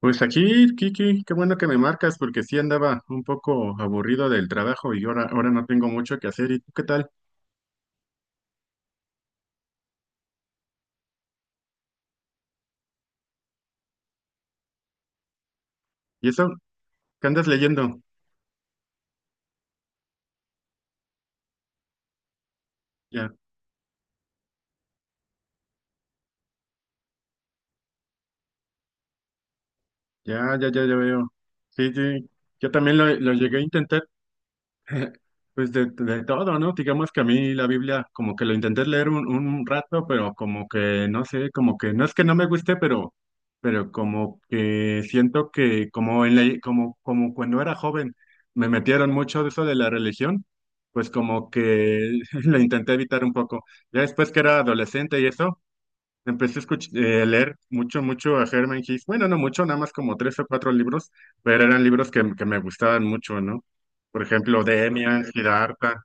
Pues aquí, Kiki, qué bueno que me marcas porque sí andaba un poco aburrido del trabajo y ahora no tengo mucho que hacer. ¿Y tú qué tal? ¿Y eso? ¿Qué andas leyendo? Ya, ya, ya, ya, ya veo. Sí, sí. Yo también lo llegué a intentar. Pues de todo, ¿no? Digamos que a mí la Biblia como que lo intenté leer un rato, pero como que no sé, como que no es que no me guste, pero como que siento que como en la, como, como cuando era joven me metieron mucho de eso de la religión, pues como que lo intenté evitar un poco. Ya después que era adolescente y eso. Empecé a leer mucho, mucho a Herman Hesse. Bueno, no mucho, nada más como tres o cuatro libros, pero eran libros que me gustaban mucho, ¿no? Por ejemplo, Demian, Siddhartha.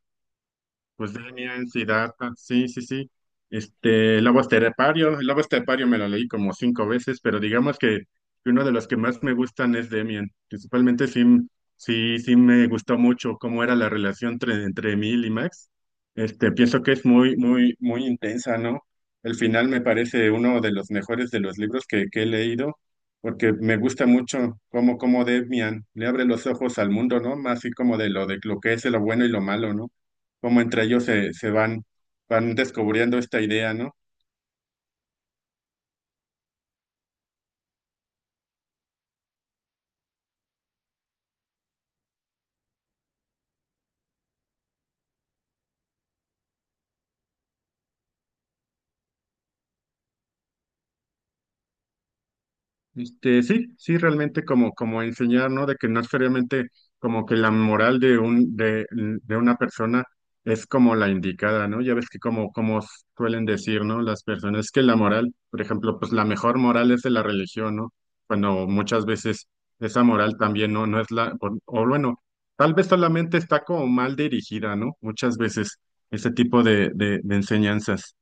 Pues Demian, Siddhartha, sí, sí, sí. Este, el Lobo Estepario me lo leí como cinco veces, pero digamos que uno de los que más me gustan es Demian. Principalmente sí, sí, sí me gustó mucho cómo era la relación entre Emil y Max. Este, pienso que es muy, muy, muy intensa, ¿no? El final me parece uno de los mejores de los libros que he leído, porque me gusta mucho cómo Demian le abre los ojos al mundo, ¿no? Más así como de lo que es lo bueno y lo malo, ¿no? Cómo entre ellos se van, descubriendo esta idea, ¿no? Este, sí, sí, realmente como enseñar, ¿no? De que no es seriamente como que la moral de una persona es como la indicada, ¿no? Ya ves que como suelen decir, ¿no? Las personas que la moral, por ejemplo, pues la mejor moral es de la religión, ¿no? Cuando muchas veces esa moral también no, no es o bueno, tal vez solamente está como mal dirigida, ¿no? Muchas veces ese tipo de enseñanzas.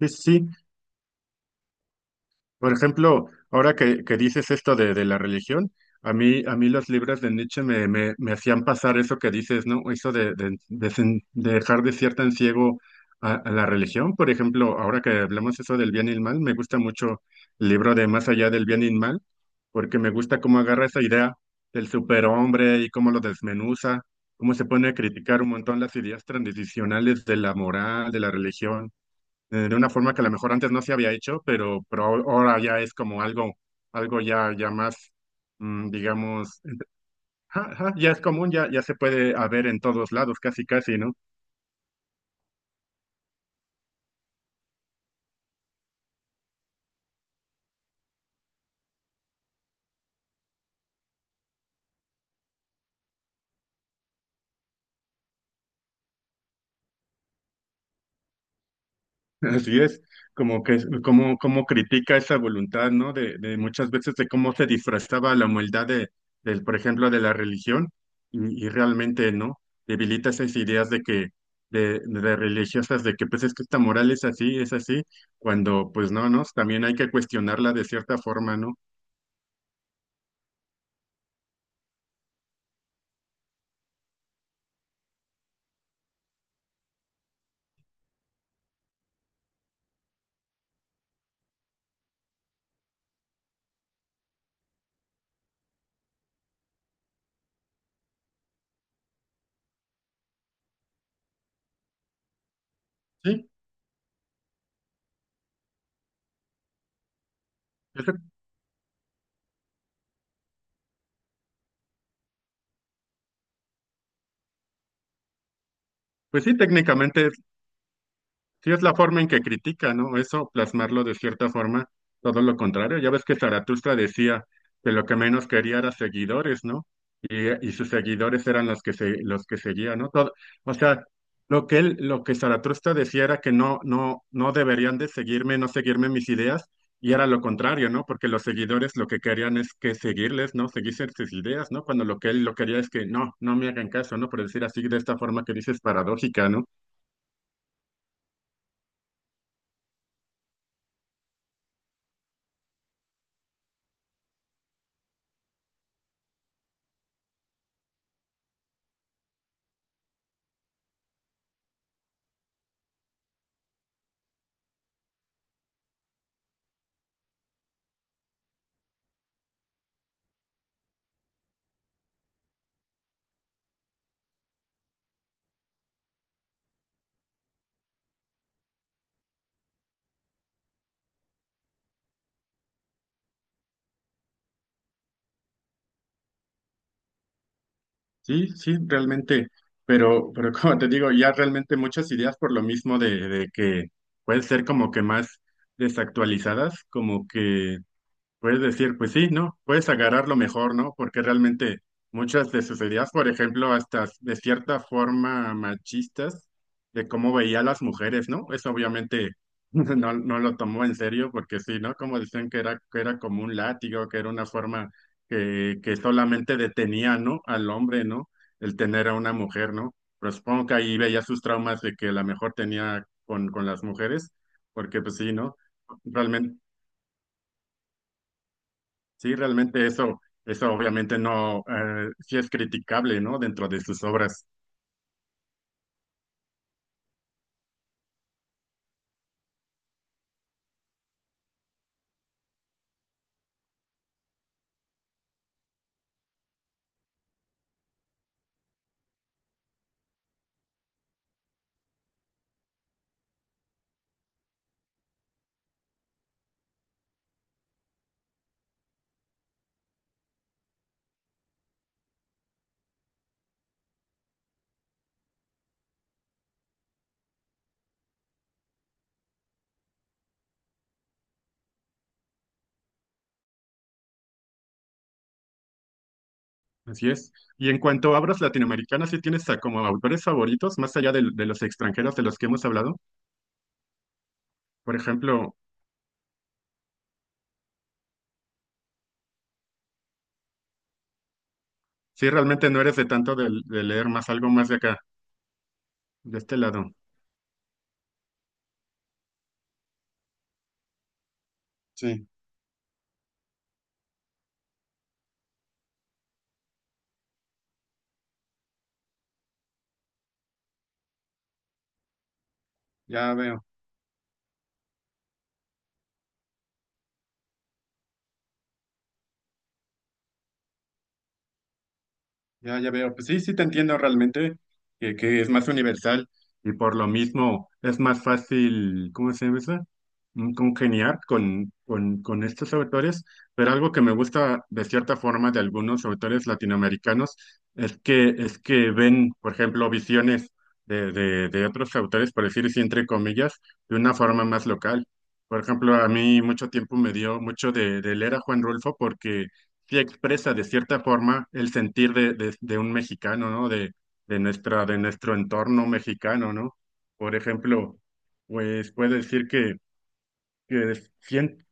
Sí, sí, sí. Por ejemplo, ahora que dices esto de la religión, a mí los libros de Nietzsche me hacían pasar eso que dices, ¿no? Eso de, de dejar de cierta en ciego a la religión. Por ejemplo, ahora que hablamos eso del bien y el mal, me gusta mucho el libro de Más allá del bien y el mal, porque me gusta cómo agarra esa idea del superhombre y cómo lo desmenuza, cómo se pone a criticar un montón las ideas tradicionales de la moral, de la religión, de una forma que a lo mejor antes no se había hecho, pero, pero ahora ya es como algo, algo más, digamos. Ja, ja, ya es común, ya se puede haber en todos lados, casi, casi, ¿no? Así es, como que como, critica esa voluntad, ¿no? De muchas veces de cómo se disfrazaba la humildad de por ejemplo, de la religión, y realmente, ¿no? Debilita esas ideas de que de religiosas de que pues es que esta moral es así, cuando pues no, ¿no? También hay que cuestionarla de cierta forma, ¿no? Sí, eso- pues sí, técnicamente. Sí, es la forma en que critica, ¿no? Eso, plasmarlo de cierta forma, todo lo contrario. Ya ves que Zaratustra decía que lo que menos quería era seguidores, ¿no? Y sus seguidores eran los que seguían, ¿no? Todo, o sea, lo que Zaratustra decía era que no, no, no deberían de seguirme, no seguirme mis ideas, y era lo contrario, ¿no? Porque los seguidores lo que querían es que seguirles, ¿no? Seguirse sus ideas, ¿no? Cuando lo que él lo quería es que no, no me hagan caso, ¿no? Por decir así, de esta forma que dices paradójica, ¿no? Sí, sí, realmente, pero, como te digo, ya realmente muchas ideas por lo mismo de que pueden ser como que más desactualizadas, como que puedes decir, pues sí, ¿no? Puedes agarrar lo mejor, ¿no? Porque realmente muchas de sus ideas, por ejemplo, hasta de cierta forma machistas, de cómo veía a las mujeres, ¿no? Eso obviamente no, no lo tomó en serio, porque sí, ¿no? Como decían que era como un látigo, que era una forma que solamente detenía, ¿no? Al hombre, ¿no? El tener a una mujer, ¿no? Pero supongo que ahí veía sus traumas de que la mejor tenía con las mujeres, porque pues sí, ¿no? Realmente. Sí, realmente eso obviamente no, sí es criticable, ¿no? Dentro de sus obras. Así es. Y en cuanto a obras latinoamericanas, ¿sí tienes como autores favoritos, más allá de los extranjeros de los que hemos hablado? Por ejemplo, si realmente no eres de tanto de leer más algo más de acá, de este lado. Sí, ya veo. Ya, ya veo. Pues sí, sí te entiendo realmente que es más universal y por lo mismo es más fácil, ¿cómo se llama eso? Congeniar con, con estos autores. Pero algo que me gusta de cierta forma de algunos autores latinoamericanos es que ven, por ejemplo, visiones de otros autores, por decir así, entre comillas, de una forma más local. Por ejemplo, a mí mucho tiempo me dio mucho de leer a Juan Rulfo porque sí expresa de cierta forma el sentir de un mexicano, ¿no? De nuestro entorno mexicano, ¿no? Por ejemplo, pues puedo decir que sien-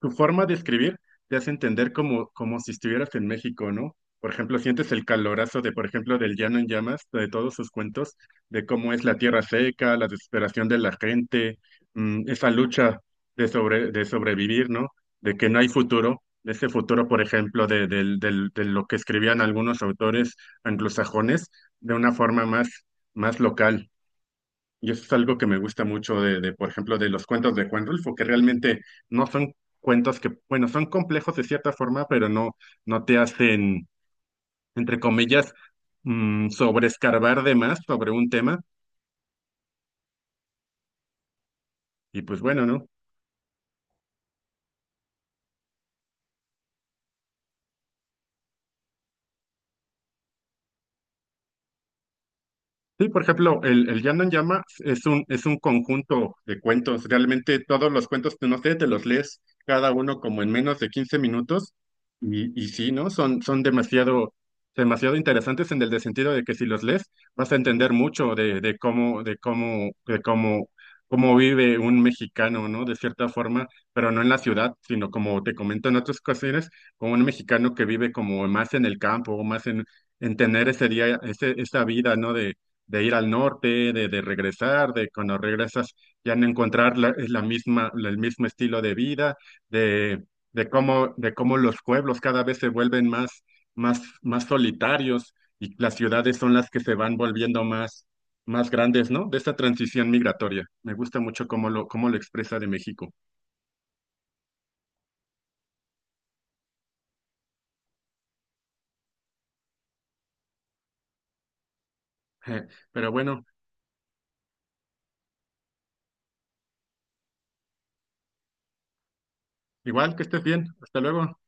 tu forma de escribir te hace entender como, si estuvieras en México, ¿no? Por ejemplo, sientes el calorazo de, por ejemplo, del Llano en Llamas, de todos sus cuentos, de cómo es la tierra seca, la desesperación de la gente, esa lucha de sobrevivir, ¿no? De que no hay futuro, de ese futuro, por ejemplo, de lo que escribían algunos autores anglosajones de una forma más, local. Y eso es algo que me gusta mucho de, por ejemplo, de los cuentos de Juan Rulfo, que realmente no son cuentos que, bueno, son complejos de cierta forma, pero no, no te hacen, entre comillas, sobreescarbar de más sobre un tema. Y pues bueno, ¿no? Sí, por ejemplo, el Llano en Llama es un, conjunto de cuentos. Realmente todos los cuentos, no sé, te los lees cada uno como en menos de 15 minutos. Y sí, ¿no? Son demasiado, demasiado interesantes en el de sentido de que si los lees vas a entender mucho cómo vive un mexicano, ¿no? De cierta forma, pero no en la ciudad, sino como te comento en otras ocasiones, como un mexicano que vive como más en el campo, más en tener ese día, esa vida, ¿no? De ir al norte, de regresar, de cuando regresas ya no encontrar el mismo estilo de vida, de, de cómo los pueblos cada vez se vuelven más, más, más solitarios y las ciudades son las que se van volviendo más, más grandes, ¿no? De esta transición migratoria. Me gusta mucho cómo lo expresa de México. Pero bueno, igual que estés bien. Hasta luego.